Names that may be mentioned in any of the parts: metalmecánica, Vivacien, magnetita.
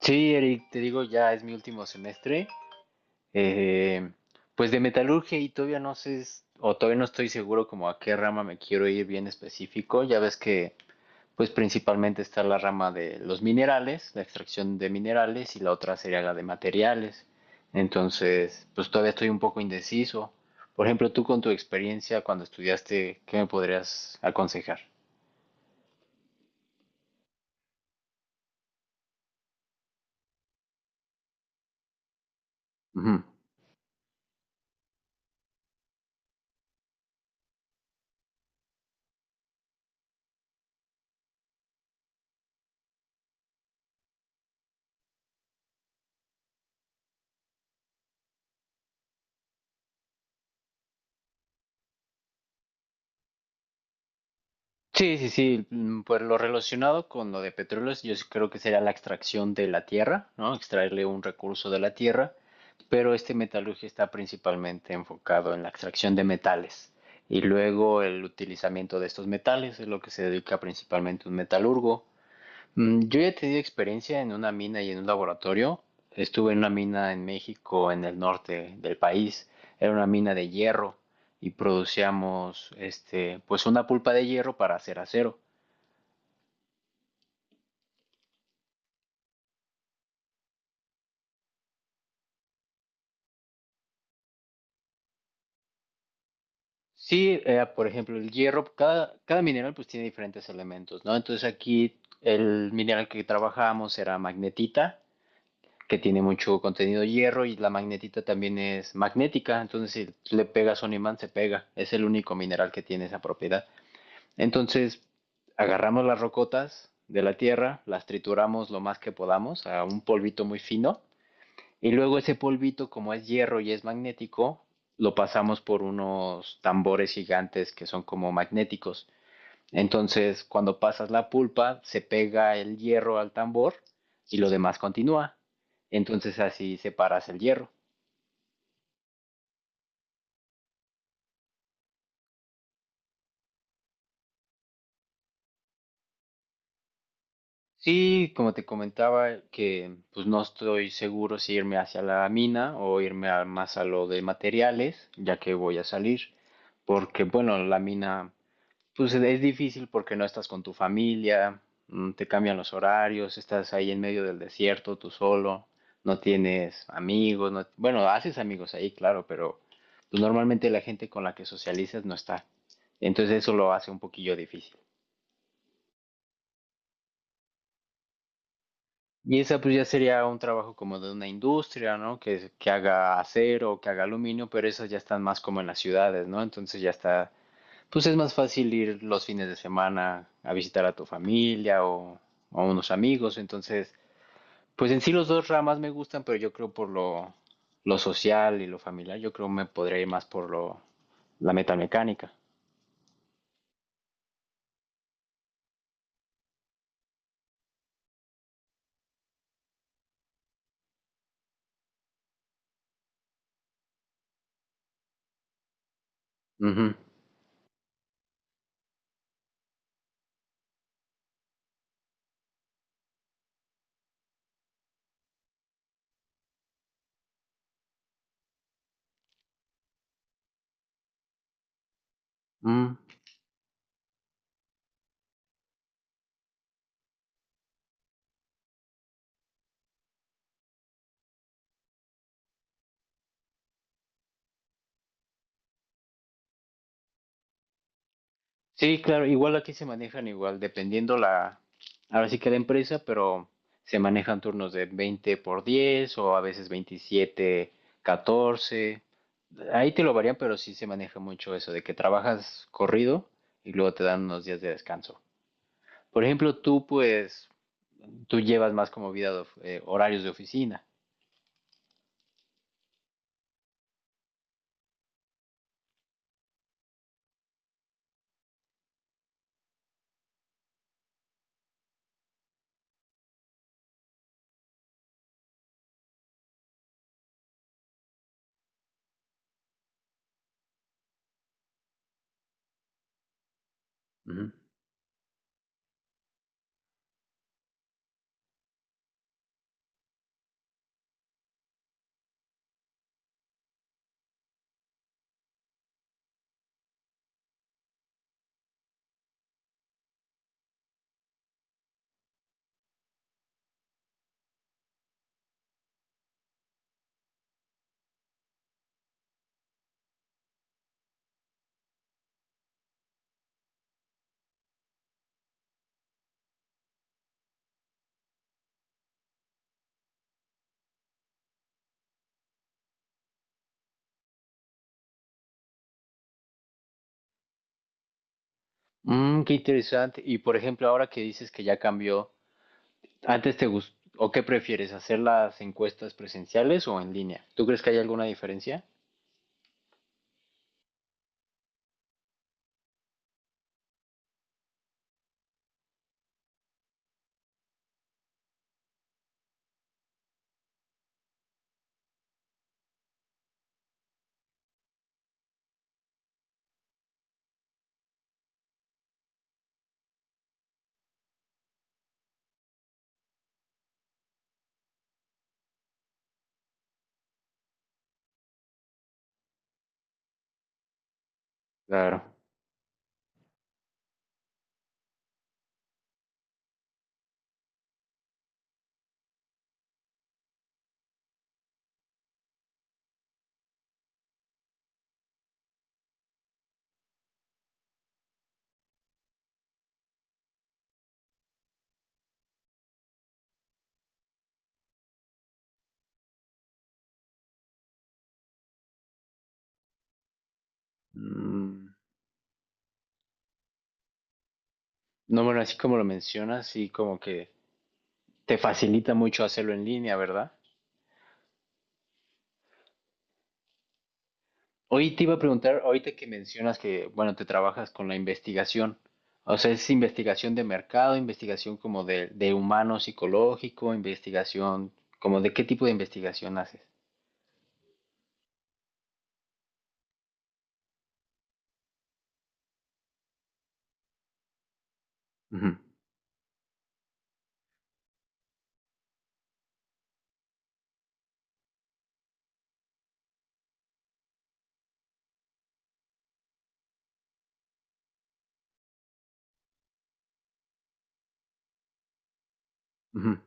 Sí, Eric, te digo, ya es mi último semestre. eh, pues de metalurgia y todavía no sé, o todavía no estoy seguro como a qué rama me quiero ir bien específico. Ya ves que, pues principalmente está la rama de los minerales, la extracción de minerales, y la otra sería la de materiales. Entonces, pues todavía estoy un poco indeciso. Por ejemplo, tú con tu experiencia cuando estudiaste, ¿qué me podrías aconsejar? Ujú. Sí, sí, sí, mm, pues lo relacionado con lo de petróleos, yo sí creo que sería la extracción de la tierra, ¿no? Extraerle un recurso de la tierra, pero este metalurgia está principalmente enfocado en la extracción de metales y luego el utilizamiento de estos metales es lo que se dedica principalmente un metalurgo. Mm, yo ya he tenido experiencia en una mina y en un laboratorio. Estuve en una mina en México, en el norte del país. Era una mina de hierro y producíamos este, pues una pulpa de hierro para hacer acero. Sí, por ejemplo, el hierro, cada mineral pues tiene diferentes elementos, ¿no? Entonces aquí el mineral que trabajábamos era magnetita, que tiene mucho contenido hierro y la magnetita también es magnética, entonces si le pegas un imán se pega, es el único mineral que tiene esa propiedad. Entonces, agarramos las rocotas de la tierra, las trituramos lo más que podamos a un polvito muy fino y luego ese polvito, como es hierro y es magnético, lo pasamos por unos tambores gigantes que son como magnéticos. Entonces, cuando pasas la pulpa, se pega el hierro al tambor y lo demás continúa. Entonces así separas el hierro. Sí, como te comentaba, que pues no estoy seguro si irme hacia la mina o más a lo de materiales, ya que voy a salir, porque bueno, la mina pues es difícil porque no estás con tu familia, mm, te cambian los horarios, estás ahí en medio del desierto tú solo, no tienes amigos, bueno, haces amigos ahí, claro, pero pues normalmente la gente con la que socializas no está. Entonces eso lo hace un poquillo difícil. Y esa pues ya sería un trabajo como de una industria, ¿no? Que haga acero o que haga aluminio, pero esas ya están más como en las ciudades, ¿no? Entonces ya está, pues es más fácil ir los fines de semana a visitar a tu familia o a unos amigos. Entonces, pues en sí los dos ramas me gustan, pero yo creo por lo social y lo familiar, yo creo me podría ir más por lo, la metalmecánica. Ujú. Mm. Sí, claro, igual aquí se manejan igual, dependiendo la, ahora sí que la empresa, pero se manejan turnos de 20 por 10 o a veces 27, 14. Ahí te lo varían, pero sí se maneja mucho eso, de que trabajas corrido y luego te dan unos días de descanso. Por ejemplo, tú pues, tú llevas más como vida, de horarios de oficina. Ujú. Mm, qué interesante. Y por ejemplo, ahora que dices que ya cambió, ¿antes te gustó, o qué prefieres, hacer las encuestas presenciales o en línea? ¿Tú crees que hay alguna diferencia? Claro. Mm. No, bueno, así como lo mencionas, sí como que te facilita mucho hacerlo en línea, ¿verdad? Hoy te iba a preguntar, ahorita que mencionas que, bueno, te trabajas con la investigación, o sea, es investigación de mercado, investigación como de humano psicológico, investigación, como de qué tipo de investigación haces. Ujú, ujú.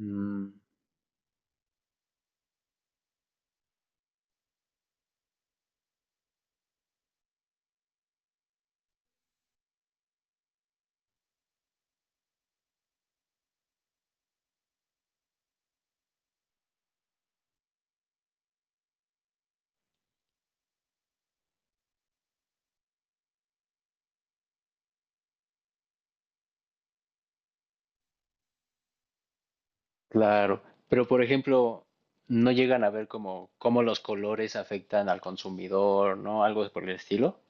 Mm. Claro, pero por ejemplo, no llegan a ver como cómo los colores afectan al consumidor, ¿no? Algo por el estilo.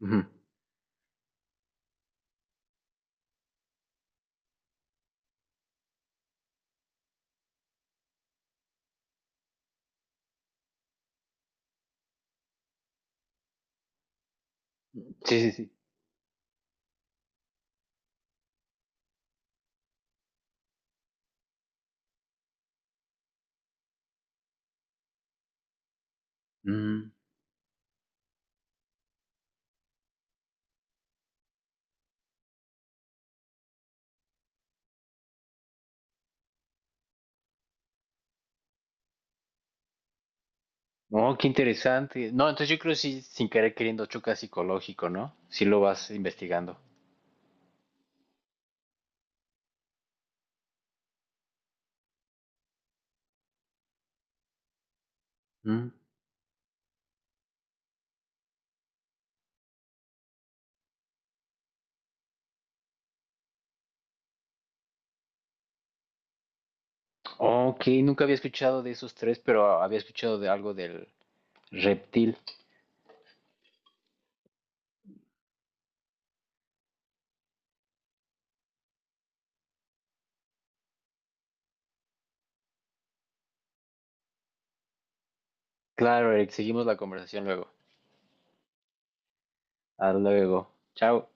Ujú. Sí, sí, sí. Mm. No, qué interesante. No, entonces yo creo que sí, sin querer queriendo choca psicológico, ¿no? Si lo vas investigando. Mm. Ok, nunca había escuchado de esos tres, pero había escuchado de algo del reptil. Claro, Eric, seguimos la conversación luego. Hasta luego. Chao.